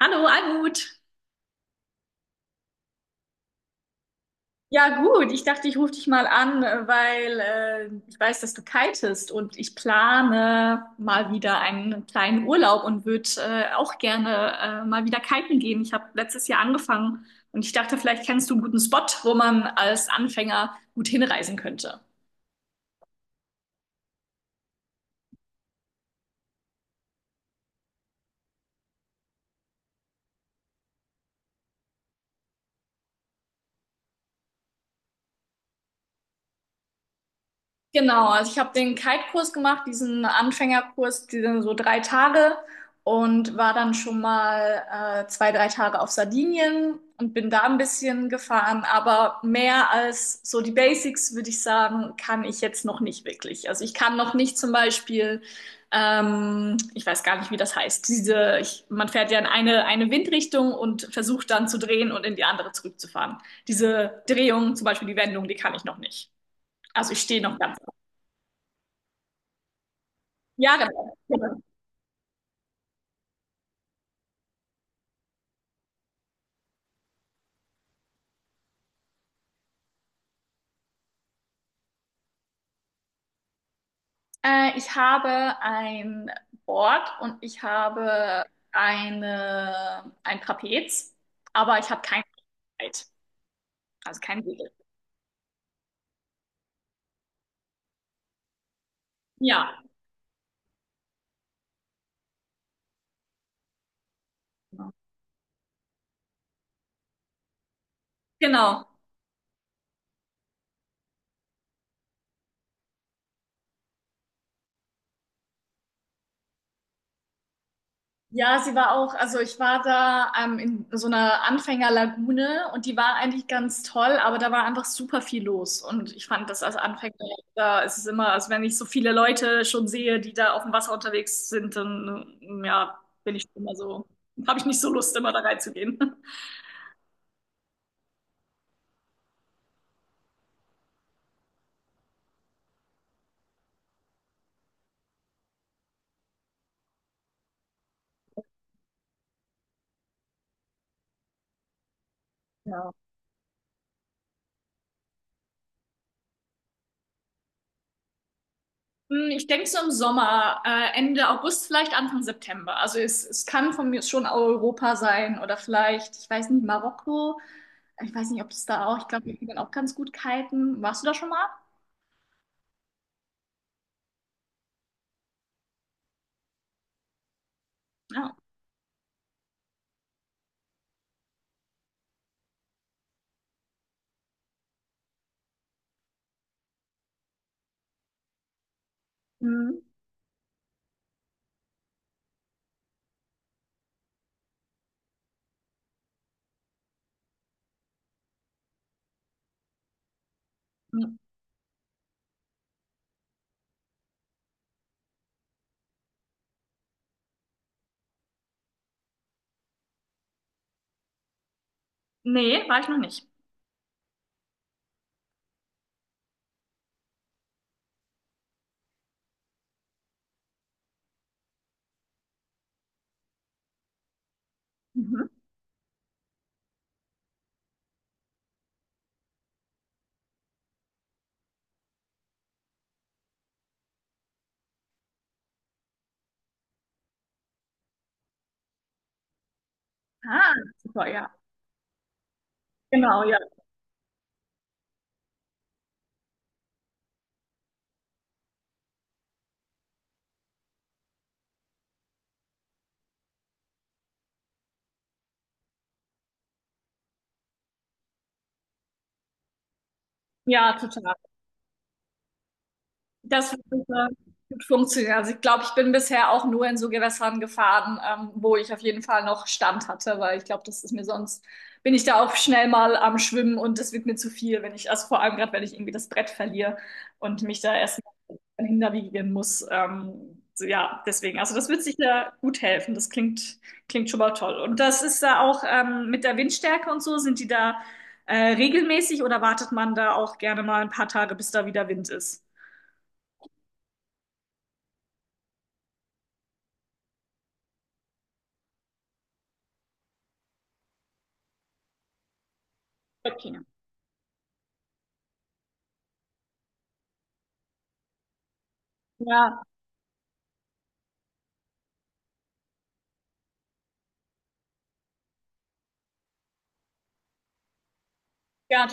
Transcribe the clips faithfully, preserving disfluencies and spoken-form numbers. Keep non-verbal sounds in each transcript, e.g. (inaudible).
Hallo, Almut. Ja, gut. Ich dachte, ich rufe dich mal an, weil äh, ich weiß, dass du kitest und ich plane mal wieder einen kleinen Urlaub und würde äh, auch gerne äh, mal wieder kiten gehen. Ich habe letztes Jahr angefangen und ich dachte, vielleicht kennst du einen guten Spot, wo man als Anfänger gut hinreisen könnte. Genau, also ich habe den Kite-Kurs gemacht, diesen Anfängerkurs, die sind so drei Tage und war dann schon mal äh, zwei, drei Tage auf Sardinien und bin da ein bisschen gefahren, aber mehr als so die Basics, würde ich sagen, kann ich jetzt noch nicht wirklich. Also ich kann noch nicht zum Beispiel, ähm, ich weiß gar nicht, wie das heißt, diese, ich, man fährt ja in eine, eine Windrichtung und versucht dann zu drehen und in die andere zurückzufahren. Diese Drehung, zum Beispiel die Wendung, die kann ich noch nicht. Also ich stehe noch ganz. Ja, genau. Genau. Äh, ich habe ein Board und ich habe eine, ein Trapez, aber ich habe kein Brett, also kein Segel. Ja, genau. Genau. Ja, sie war auch, also ich war da ähm, in so einer Anfängerlagune und die war eigentlich ganz toll, aber da war einfach super viel los. Und ich fand das als Anfänger, da ist es immer, also wenn ich so viele Leute schon sehe, die da auf dem Wasser unterwegs sind, dann ähm, ja, bin ich schon immer so, habe ich nicht so Lust, immer da reinzugehen. (laughs) Ja. Hm, ich denke so im Sommer, äh, Ende August, vielleicht Anfang September. Also es, es kann von mir schon Europa sein oder vielleicht, ich weiß nicht, Marokko. Ich weiß nicht, ob es da auch, ich glaube, die können auch ganz gut kiten. Warst du da schon mal? Ja. Mhm. Mhm. Nee, war ich noch nicht. Mhm. Ah, super, ja. Genau, ja. Ja, total. Das wird super gut funktionieren. Also ich glaube, ich bin bisher auch nur in so Gewässern gefahren, ähm, wo ich auf jeden Fall noch Stand hatte, weil ich glaube, das ist mir sonst, bin ich da auch schnell mal am Schwimmen und das wird mir zu viel, wenn ich, also vor allem gerade, wenn ich irgendwie das Brett verliere und mich da erst hinterwiegen muss. Ähm, so, ja, deswegen. Also das wird sicher gut helfen. Das klingt, klingt schon mal toll. Und das ist da auch ähm, mit der Windstärke und so, sind die da äh, regelmäßig oder wartet man da auch gerne mal ein paar Tage, bis da wieder Wind ist? Okay. Ja, ja,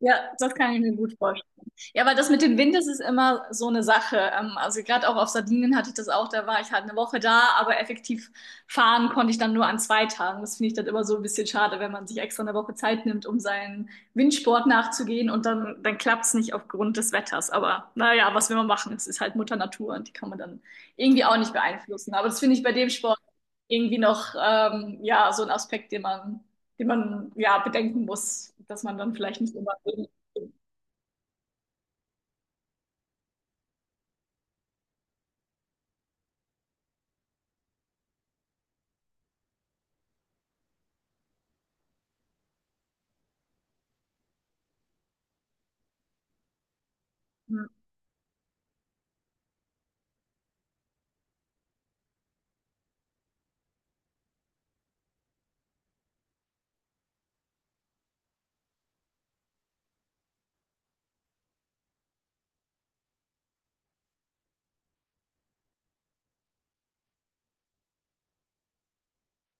ja, das kann ich mir gut vorstellen. Ja, aber das mit dem Wind, das ist immer so eine Sache. Ähm, Also gerade auch auf Sardinien hatte ich das auch, da war ich halt eine Woche da, aber effektiv fahren konnte ich dann nur an zwei Tagen. Das finde ich dann immer so ein bisschen schade, wenn man sich extra eine Woche Zeit nimmt, um seinen Windsport nachzugehen und dann, dann klappt es nicht aufgrund des Wetters. Aber naja, was will man machen? Es ist halt Mutter Natur und die kann man dann irgendwie auch nicht beeinflussen. Aber das finde ich bei dem Sport irgendwie noch ähm, ja, so ein Aspekt, den man, den man ja bedenken muss, dass man dann vielleicht nicht immer.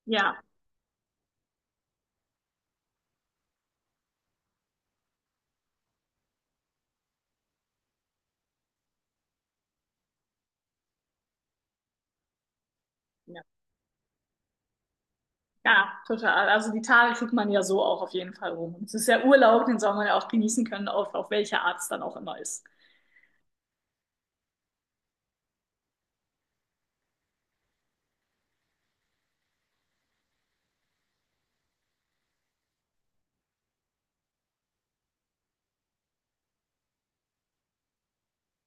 Ja. Ja, ja, total. Also die Tage kriegt man ja so auch auf jeden Fall rum. Und es ist ja Urlaub, den soll man ja auch genießen können, auf, auf welche Art es dann auch immer ist.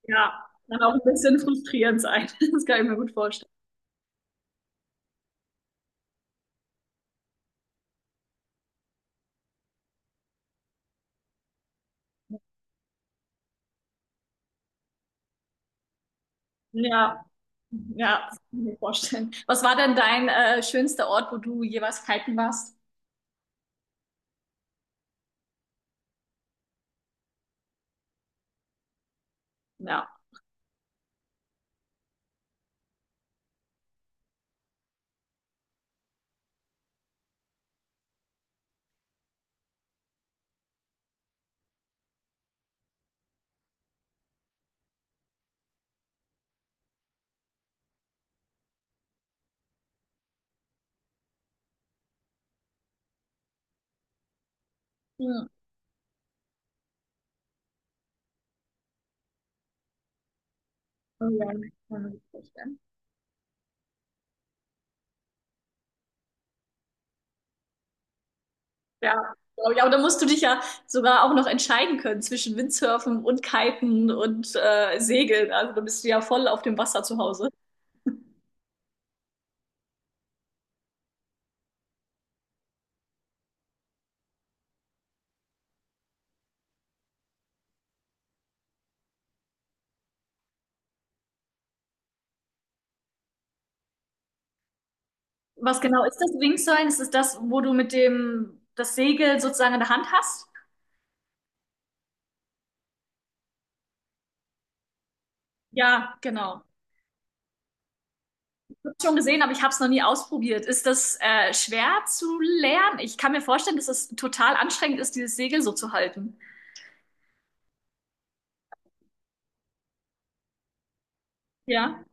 Ja, kann auch ein bisschen frustrierend sein. (laughs) Das kann ich mir gut vorstellen. Ja, ja, das kann ich mir vorstellen. Was war denn dein äh, schönster Ort, wo du jeweils kiten warst? Ja. Hm. Oh ja, kann ich mir gut vorstellen. Ja, glaube ich. Aber da musst du dich ja sogar auch noch entscheiden können zwischen Windsurfen und Kiten und äh, Segeln. Also da bist du ja voll auf dem Wasser zu Hause. Was genau ist das Wingsuilen? Ist es das, wo du mit dem das Segel sozusagen in der Hand hast? Ja, genau. Ich habe schon gesehen, aber ich habe es noch nie ausprobiert. Ist das äh, schwer zu lernen? Ich kann mir vorstellen, dass es total anstrengend ist, dieses Segel so zu halten. Ja,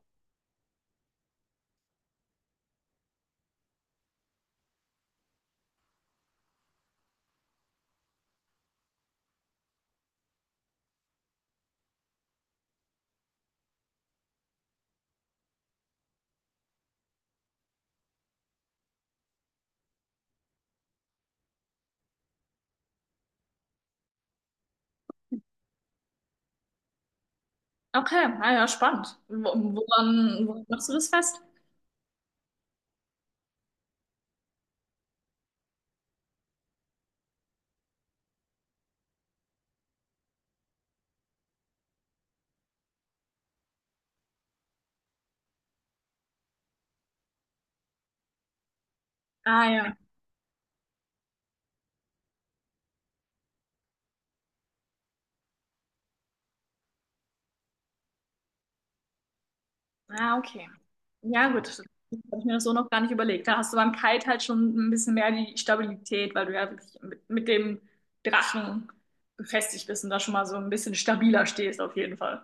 okay. Ah, ja, spannend. Wo- Woran, woran machst du das fest? Ah ja. Ah, okay. Ja, gut, das habe ich mir so noch gar nicht überlegt. Da hast du beim Kite halt schon ein bisschen mehr die Stabilität, weil du ja wirklich mit, mit dem Drachen befestigt bist und da schon mal so ein bisschen stabiler stehst, auf jeden Fall.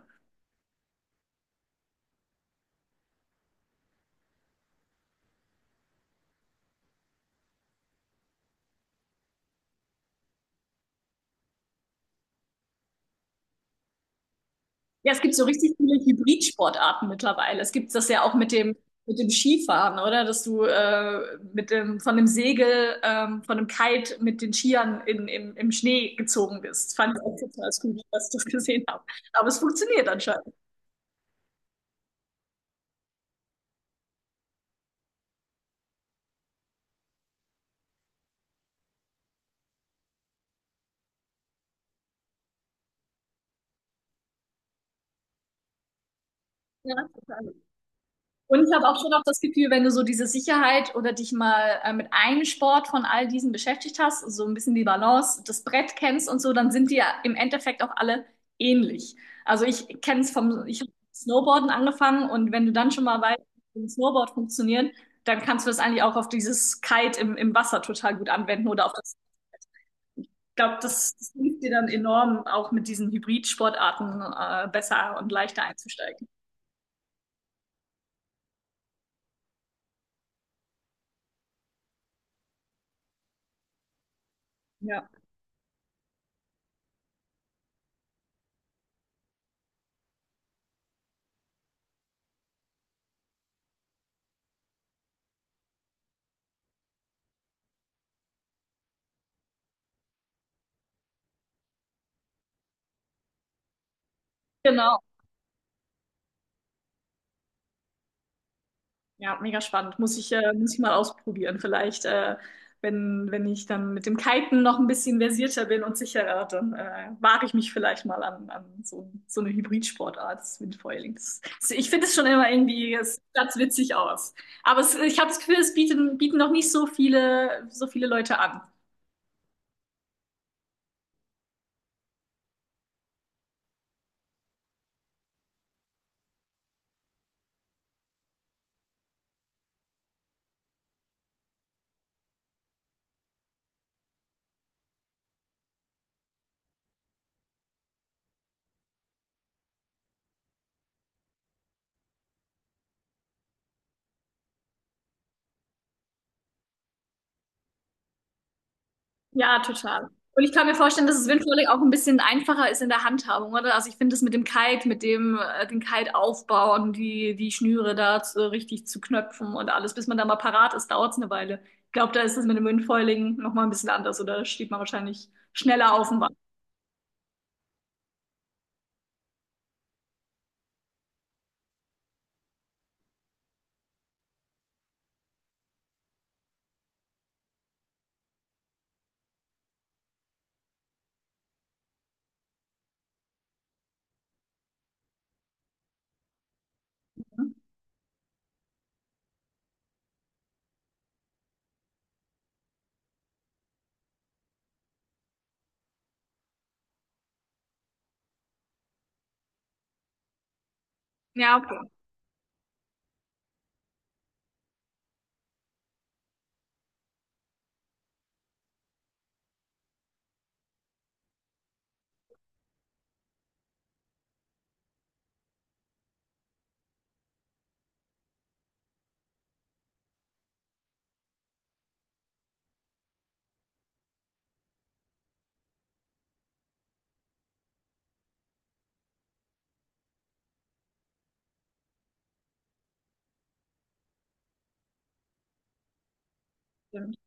Ja, es gibt so richtig viele Hybridsportarten mittlerweile. Es gibt das ja auch mit dem, mit dem Skifahren, oder? Dass du äh, mit dem, von dem Segel, ähm, von dem Kite mit den Skiern in, in, im Schnee gezogen bist. Fand ich auch total cool, dass ich das gesehen habe. Aber es funktioniert anscheinend. Ja, total. Und ich habe auch schon auch das Gefühl, wenn du so diese Sicherheit oder dich mal äh, mit einem Sport von all diesen beschäftigt hast, so ein bisschen die Balance, das Brett kennst und so, dann sind die ja im Endeffekt auch alle ähnlich. Also ich kenne es vom, ich habe Snowboarden angefangen und wenn du dann schon mal weißt, wie ein Snowboard funktioniert, dann kannst du das eigentlich auch auf dieses Kite im, im Wasser total gut anwenden oder auf das, ich glaube, das, das hilft dir dann enorm, auch mit diesen Hybrid-Sportarten äh, besser und leichter einzusteigen. Ja. Genau. Ja, mega spannend. Muss ich, äh, muss ich mal ausprobieren. Vielleicht, äh, wenn, wenn ich dann mit dem Kiten noch ein bisschen versierter bin und sicherer, dann äh, wage ich mich vielleicht mal an, an so, so eine Hybridsportart, das Windfoiling. Das, das, ich finde es schon immer irgendwie, es sieht witzig aus. Aber es, ich habe das Gefühl, es bieten, bieten noch nicht so viele, so viele Leute an. Ja, total. Und ich kann mir vorstellen, dass es Windsurfing auch ein bisschen einfacher ist in der Handhabung, oder? Also ich finde das mit dem Kite, mit dem äh, den Kite aufbauen, die die Schnüre da zu, richtig zu knöpfen und alles, bis man da mal parat ist, dauert es eine Weile. Ich glaube, da ist das mit dem Windfoiling noch mal ein bisschen anders, oder? Da steht man wahrscheinlich schneller auf dem Wasser. Ne? Ja, okay. Stimmt.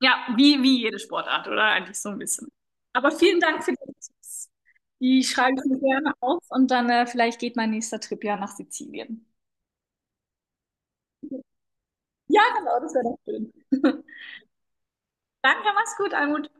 Ja, wie wie jede Sportart, oder? Eigentlich so ein bisschen. Aber vielen Dank für die Tipps. Die schreibe ich mir gerne auf und dann äh, vielleicht geht mein nächster Trip ja nach Sizilien. Ja, genau, das wäre doch schön. (laughs) Danke, mach's gut, Almut.